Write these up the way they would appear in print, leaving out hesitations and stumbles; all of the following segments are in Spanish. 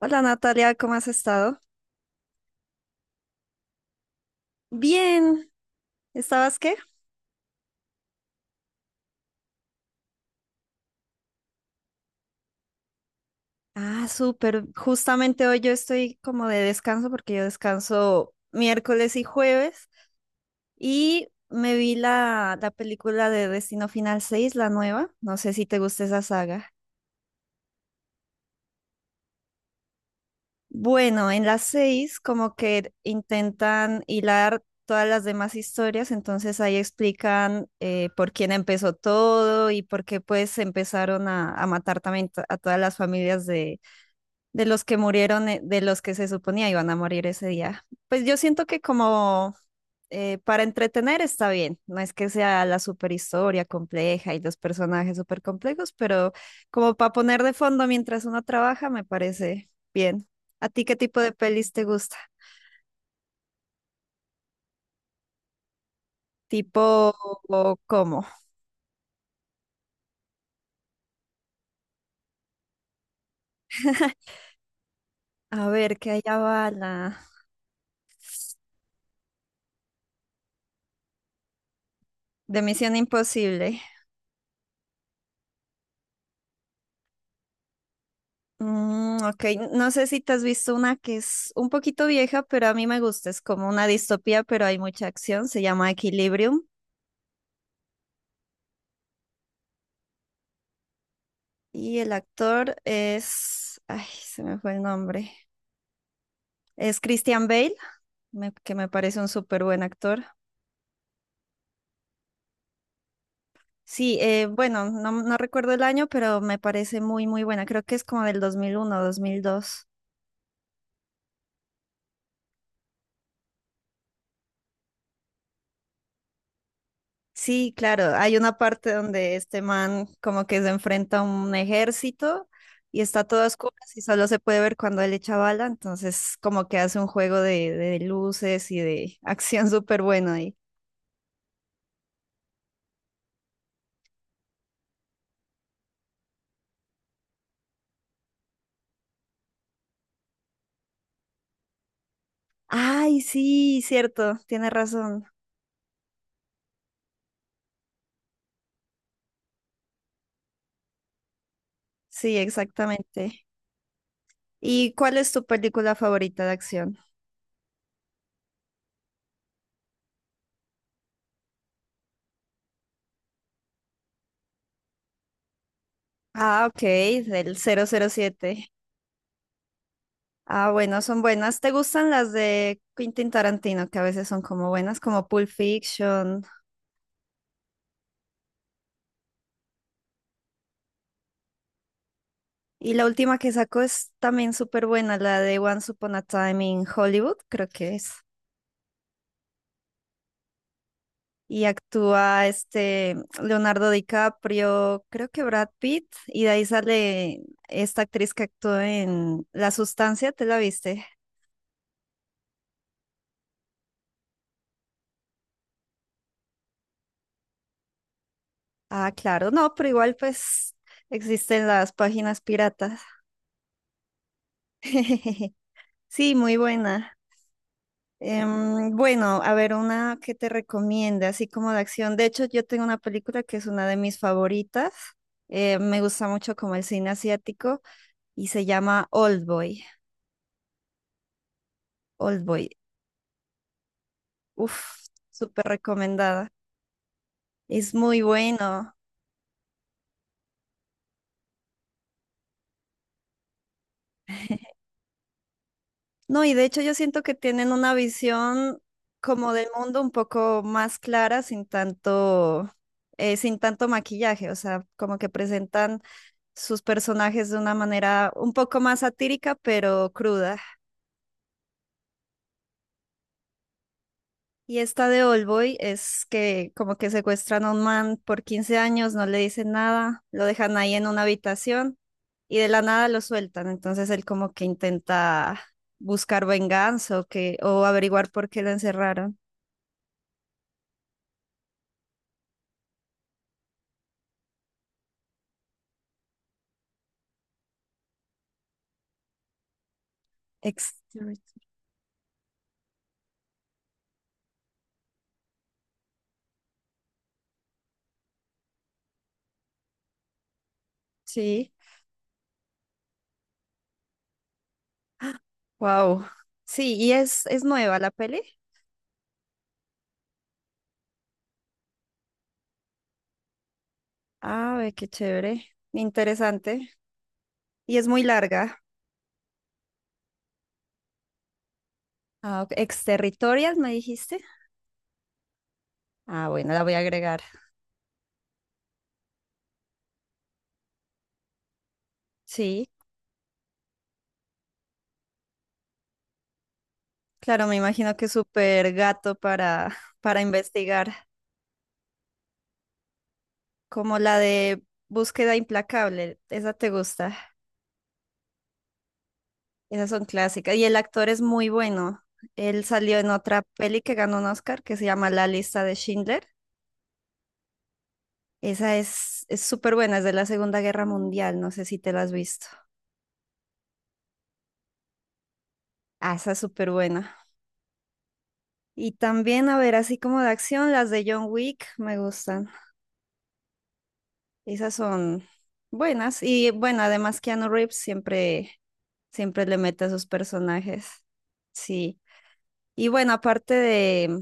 Hola Natalia, ¿cómo has estado? Bien, ¿estabas qué? Ah, súper. Justamente hoy yo estoy como de descanso porque yo descanso miércoles y jueves y me vi la película de Destino Final 6, la nueva. No sé si te gusta esa saga. Bueno, en las 6 como que intentan hilar todas las demás historias, entonces ahí explican por quién empezó todo y por qué pues empezaron a matar también a todas las familias de los que murieron, de los que se suponía iban a morir ese día. Pues yo siento que como para entretener está bien, no es que sea la superhistoria compleja y los personajes súper complejos, pero como para poner de fondo mientras uno trabaja me parece bien. ¿A ti qué tipo de pelis te gusta? ¿Tipo o cómo? A ver, que hay bala. De Misión Imposible. Mm, ok, no sé si te has visto una que es un poquito vieja, pero a mí me gusta. Es como una distopía, pero hay mucha acción. Se llama Equilibrium. Y el actor es... Ay, se me fue el nombre. Es Christian Bale, que me parece un súper buen actor. Sí, bueno, no, no recuerdo el año, pero me parece muy, muy buena. Creo que es como del 2001, 2002. Sí, claro, hay una parte donde este man como que se enfrenta a un ejército y está todo a oscuras y solo se puede ver cuando él echa bala, entonces como que hace un juego de luces y de acción súper bueno ahí. Ay, sí, cierto, tiene razón. Sí, exactamente. ¿Y cuál es tu película favorita de acción? Ah, ok, del 007. Ah, bueno, son buenas. ¿Te gustan las de Quentin Tarantino, que a veces son como buenas, como Pulp Fiction? Y la última que sacó es también súper buena, la de Once Upon a Time in Hollywood, creo que es. Y actúa este Leonardo DiCaprio, creo que Brad Pitt, y de ahí sale esta actriz que actuó en La Sustancia, ¿te la viste? Ah, claro, no, pero igual pues existen las páginas piratas. Sí, muy buena. Bueno, a ver, una que te recomiende, así como de acción. De hecho, yo tengo una película que es una de mis favoritas. Me gusta mucho como el cine asiático y se llama Old Boy. Old Boy. Uf, súper recomendada. Es muy bueno. No, y de hecho yo siento que tienen una visión como del mundo un poco más clara, sin tanto, sin tanto maquillaje, o sea, como que presentan sus personajes de una manera un poco más satírica, pero cruda. Y esta de Oldboy es que como que secuestran a un man por 15 años, no le dicen nada, lo dejan ahí en una habitación y de la nada lo sueltan. Entonces él como que intenta buscar venganza o que, o averiguar por qué lo encerraron. Exterior- Sí, wow. Sí, y es nueva la peli. Ah, ve qué chévere. Interesante. Y es muy larga. Ah, ok. Exterritorial, me dijiste. Ah, bueno, la voy a agregar. Sí, claro, me imagino que es súper gato para investigar. Como la de Búsqueda Implacable. Esa te gusta. Esas son clásicas. Y el actor es muy bueno. Él salió en otra peli que ganó un Oscar que se llama La lista de Schindler. Esa es súper buena, es de la Segunda Guerra Mundial, no sé si te la has visto. Ah, esa es súper buena. Y también, a ver, así como de acción, las de John Wick me gustan. Esas son buenas. Y bueno, además Keanu Reeves siempre, siempre le mete a sus personajes. Sí. Y bueno, aparte de,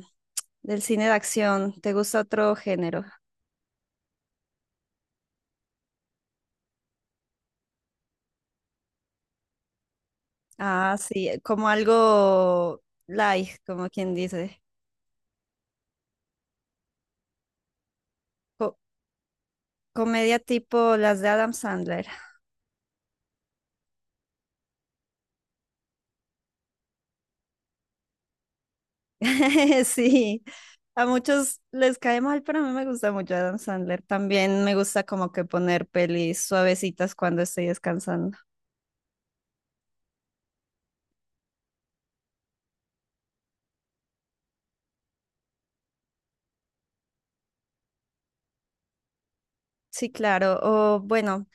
del cine de acción, ¿te gusta otro género? Ah, sí, como algo light, como quien dice. Co- comedia tipo las de Adam Sandler. Sí, a muchos les cae mal, pero a mí me gusta mucho Adam Sandler. También me gusta como que poner pelis suavecitas cuando estoy descansando. Sí, claro. O bueno,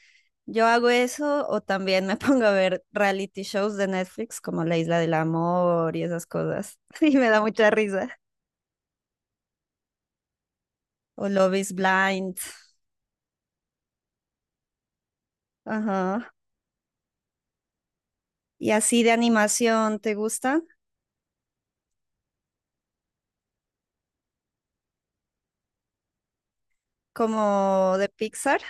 yo hago eso o también me pongo a ver reality shows de Netflix como La Isla del Amor y esas cosas. Y me da mucha risa. O Love is Blind. Ajá. Y así de animación, ¿te gustan? Como de Pixar,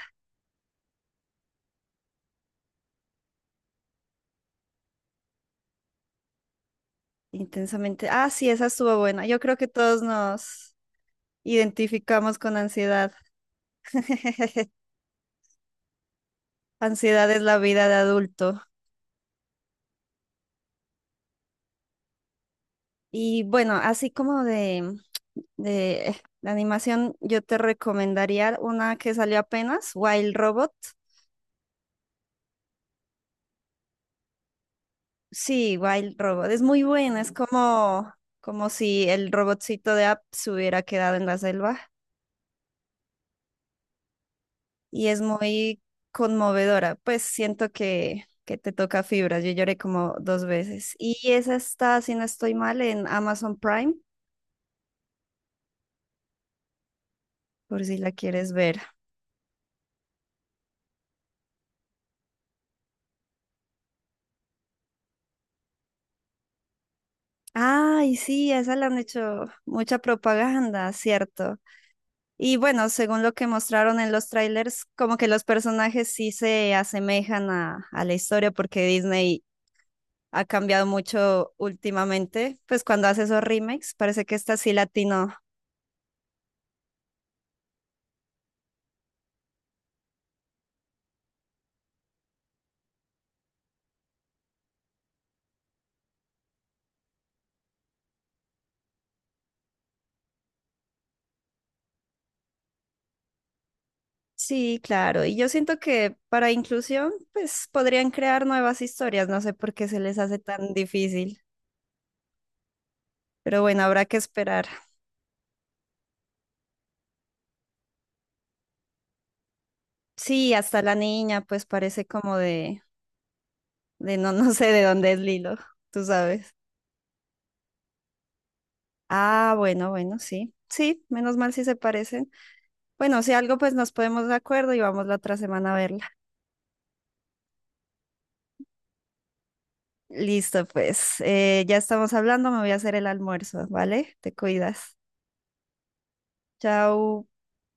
intensamente. Ah, sí, esa estuvo buena. Yo creo que todos nos identificamos con ansiedad. Ansiedad es la vida de adulto. Y bueno, así como de, de animación, yo te recomendaría una que salió apenas, Wild Robot. Sí, Wild Robot. Es muy buena. Es como, como si el robotcito de App se hubiera quedado en la selva. Y es muy conmovedora. Pues siento que te toca fibras. Yo lloré como dos veces. Y esa está, si no estoy mal, en Amazon Prime, por si la quieres ver. Ay, sí, a esa le han hecho mucha propaganda, cierto. Y bueno, según lo que mostraron en los trailers, como que los personajes sí se asemejan a la historia porque Disney ha cambiado mucho últimamente, pues cuando hace esos remakes, parece que está así latino. Sí, claro. Y yo siento que para inclusión, pues podrían crear nuevas historias, no sé por qué se les hace tan difícil, pero bueno, habrá que esperar. Sí, hasta la niña, pues parece como de... De no, no sé de dónde es Lilo, tú sabes. Ah, bueno, bueno, sí. Sí, menos mal si se parecen. Bueno, si algo, pues nos podemos de acuerdo y vamos la otra semana a verla. Listo, pues. Ya estamos hablando, me voy a hacer el almuerzo, ¿vale? Te cuidas. Chao.